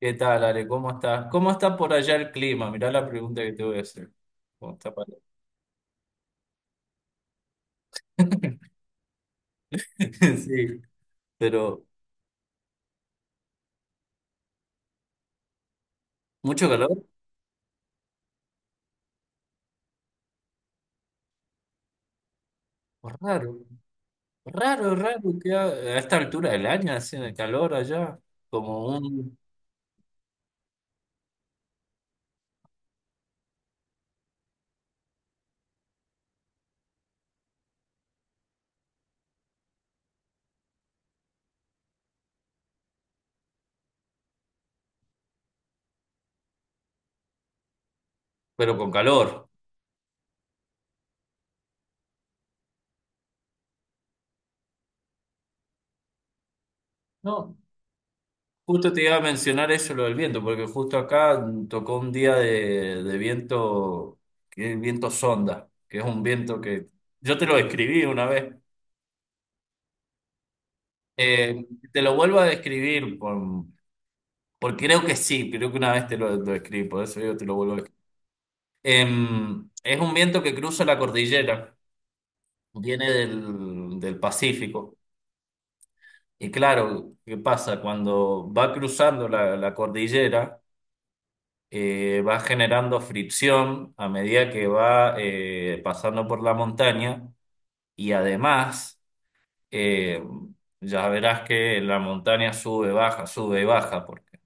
¿Qué tal, Ale? ¿Cómo estás? ¿Cómo está por allá el clima? Mirá la pregunta que te voy a hacer. ¿Cómo está para- allá? Sí, pero mucho calor. Raro, raro, raro que a esta altura del año haciendo calor allá, como un... pero con calor. No, justo te iba a mencionar eso, lo del viento, porque justo acá tocó un día de viento, que es viento sonda, que es un viento que yo te lo describí una vez. Eh, Te lo vuelvo a describir, porque creo que sí, creo que una vez te lo escribí, por eso yo te lo vuelvo a escribir. Es un viento que cruza la cordillera, viene del Pacífico. Y claro, ¿qué pasa? Cuando va cruzando la cordillera, va generando fricción a medida que va pasando por la montaña. Y además, eh, ya verás que la montaña sube, baja, sube y baja, porque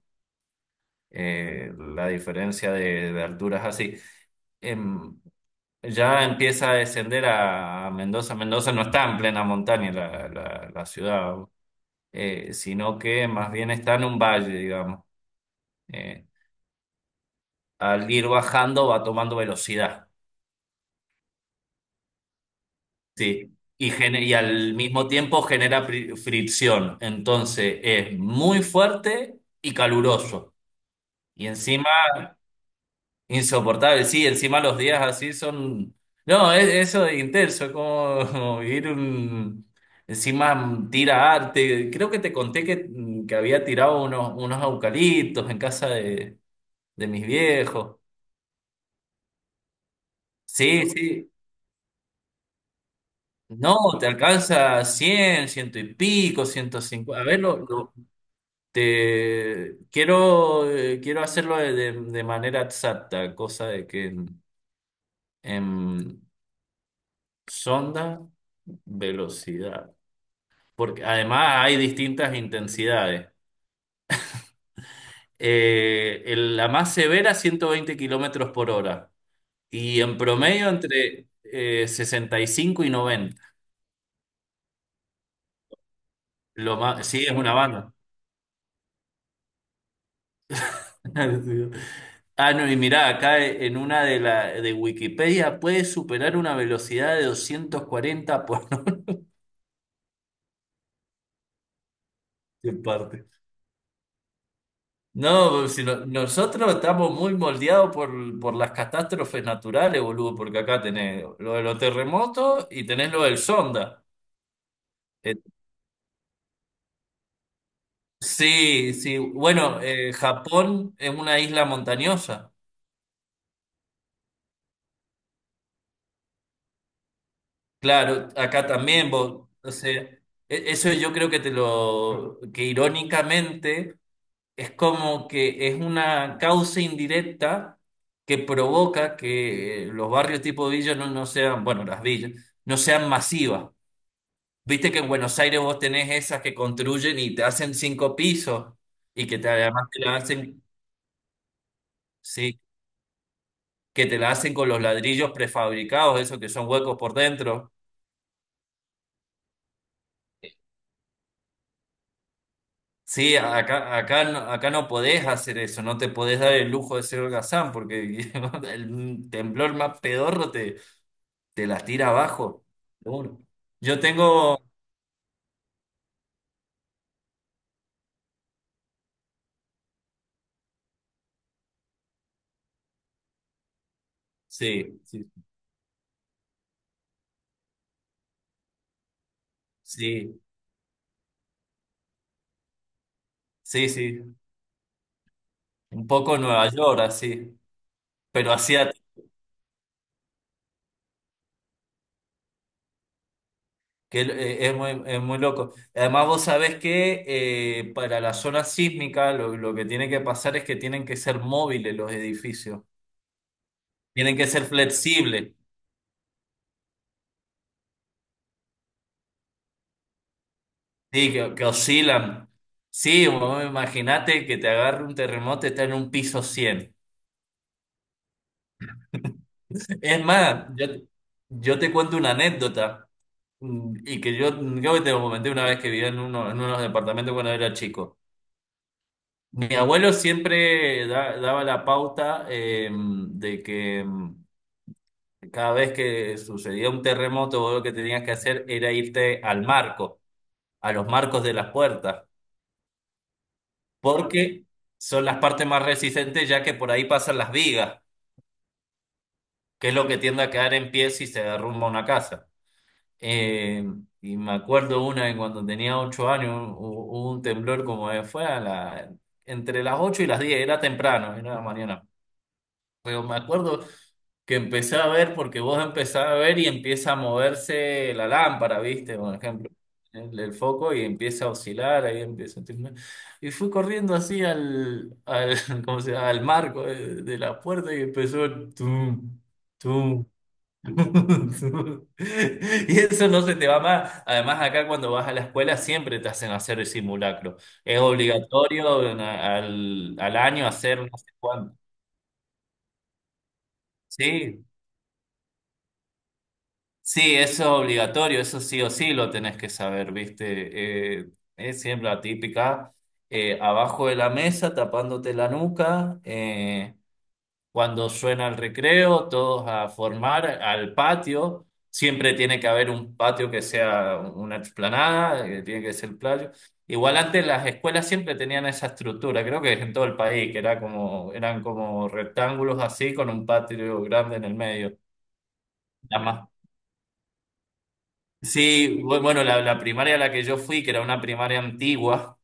la diferencia de altura es así. Em, ya empieza a descender a Mendoza. Mendoza no está en plena montaña la ciudad, sino que más bien está en un valle, digamos. Eh, Al ir bajando va tomando velocidad, sí. Y, y al mismo tiempo genera fricción. Entonces es muy fuerte y caluroso. Y encima insoportable, sí, encima los días así son... No, es, eso de intenso, es como, como vivir un... Encima tira arte. Creo que te conté que había tirado unos, unos eucaliptos en casa de mis viejos. Sí, sí. No, te alcanza 100 ciento y pico, 150. A ver, te, quiero, quiero hacerlo de, de manera exacta, cosa de que en sonda... Velocidad. Porque además hay distintas intensidades. La más severa, 120 kilómetros por hora. Y en promedio entre 65 y 90. Lo más, sí, es una banda. Ah, no, y mirá, acá en una de, la, de Wikipedia puede superar una velocidad de 240 por no sé, parte. No, pues, nosotros estamos muy moldeados por las catástrofes naturales, boludo, porque acá tenés lo de los terremotos y tenés lo del Sonda. Eh, sí, sí, bueno, Japón es una isla montañosa. Claro, acá también, vos, o sea, eso yo creo que te lo, que irónicamente es como que es una causa indirecta que provoca que los barrios tipo villa no sean, bueno, las villas, no sean masivas. Viste que en Buenos Aires vos tenés esas que construyen y te hacen cinco pisos y que te, además te la hacen, sí, que te la hacen con los ladrillos prefabricados, esos que son huecos por dentro. Sí, acá no podés hacer eso, no te podés dar el lujo de ser holgazán porque el temblor más pedorro te, te las tira abajo. Seguro. Yo tengo, sí, sí, sí, sí, sí, un poco Nueva York así, pero así a que es muy loco. Además, vos sabés que para la zona sísmica lo que tiene que pasar es que tienen que ser móviles los edificios. Tienen que ser flexibles, sí, que oscilan. Sí, vos imaginate que te agarre un terremoto y está en un piso cien. Es más, yo te cuento una anécdota mm, y que yo, yo te lo comenté una vez que vivía en, uno, en unos departamentos cuando era chico. Mi abuelo siempre daba la pauta de que cada vez que sucedía un terremoto, vos lo que tenías que hacer era irte al marco, a los marcos de las puertas, porque son las partes más resistentes, ya que por ahí pasan las vigas, que es lo que tiende a quedar en pie si se derrumba una casa. Eh, y me acuerdo una en cuando tenía 8 años, hubo un temblor como fue a la, entre las 8 y las 10, era temprano, era la mañana. Pero me acuerdo que empecé a ver porque vos empezás a ver y empieza a moverse la lámpara, ¿viste? Por ejemplo, el foco y empieza a oscilar, ahí empieza a temblar. Y fui corriendo así ¿cómo se llama? Al marco de la puerta y empezó el tum, tum, tum. Y eso no se te va más. Además, acá cuando vas a la escuela siempre te hacen hacer el simulacro. Es obligatorio al año hacer no sé cuánto. Sí, sí, eso es obligatorio, eso sí o sí lo tenés que saber, ¿viste? Es siempre la típica, abajo de la mesa, tapándote la nuca, cuando suena el recreo, todos a formar al patio, siempre tiene que haber un patio que sea una explanada, tiene que ser playo. Igual antes las escuelas siempre tenían esa estructura, creo que en todo el país, que era como, eran como rectángulos así con un patio grande en el medio. Sí, bueno, la primaria a la que yo fui, que era una primaria antigua,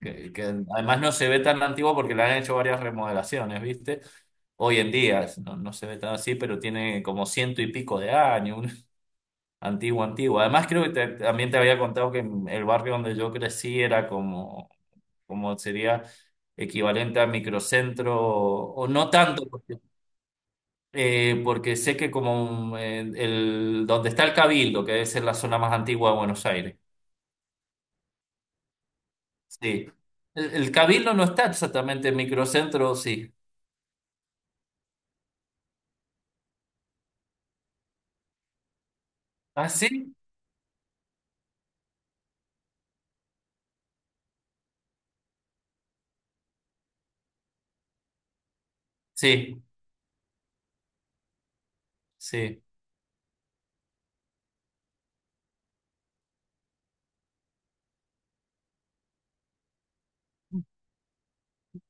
que además no se ve tan antigua porque le han hecho varias remodelaciones, ¿viste? Hoy en día no, no se ve tan así, pero tiene como ciento y pico de años, una antigua, antigua. Además creo que también te había contado que el barrio donde yo crecí era como, como sería equivalente a microcentro, o no tanto, porque, porque sé que como donde está el Cabildo, que es en la zona más antigua de Buenos Aires. Sí. El Cabildo no está exactamente en microcentro, sí. ¿Ah, sí? Sí, sí.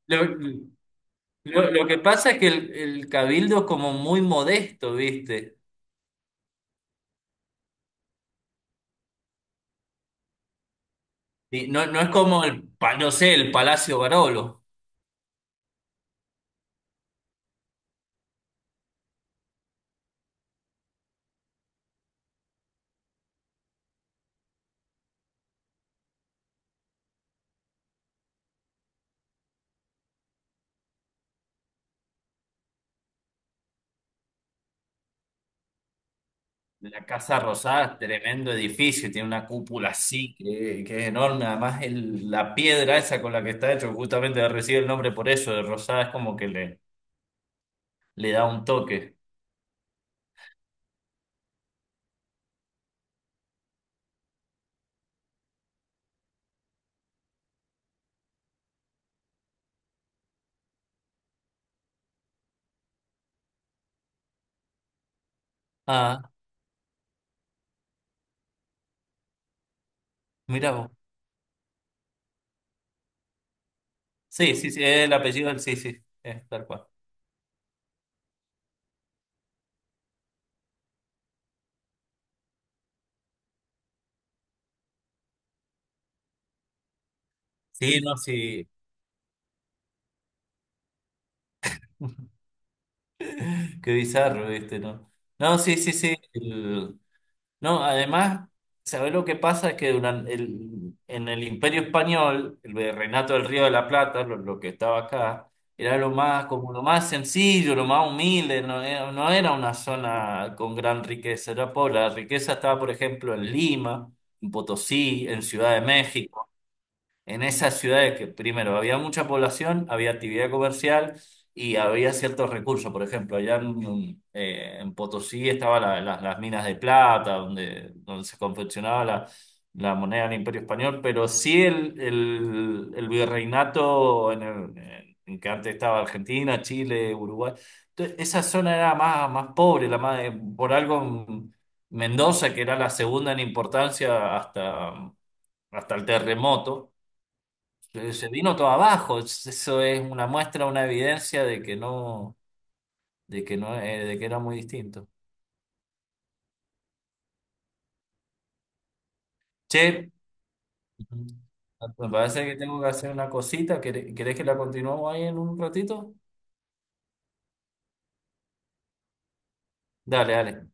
Lo, lo que pasa es que el Cabildo es como muy modesto, ¿viste? Y no, no es como el, no sé, el Palacio Barolo. La Casa Rosada, tremendo edificio, tiene una cúpula así, que es enorme. Además, la piedra esa con la que está hecho, justamente recibe el nombre por eso, de Rosada, es como que le da un toque. Ah, mira vos. Sí, sí, sí, el apellido del sí, sí, es tal cual. Sí, no, sí. Qué bizarro, ¿viste? No, no, sí, sí, sí. el- No, además, ¿sabés lo que pasa? Es que durante el, en el Imperio Español, el virreinato del Río de la Plata, lo que estaba acá, era lo más, como lo más sencillo, lo más humilde, no era, no era una zona con gran riqueza, era pobre. La riqueza estaba, por ejemplo, en Lima, en Potosí, en Ciudad de México, en esas ciudades que primero había mucha población, había actividad comercial y había ciertos recursos. Por ejemplo, allá en Potosí estaban las minas de plata, donde, donde se confeccionaba la, la moneda del Imperio Español, pero sí el virreinato en, en que antes estaba Argentina, Chile, Uruguay. Entonces, esa zona era más, más pobre, la más, por algo Mendoza, que era la segunda en importancia hasta, hasta el terremoto se vino todo abajo. Eso es una muestra, una evidencia de que no, de que no, de que era muy distinto. Che, ujú, me parece que tengo que hacer una cosita. ¿Querés que la continuemos ahí en un ratito? Dale, dale.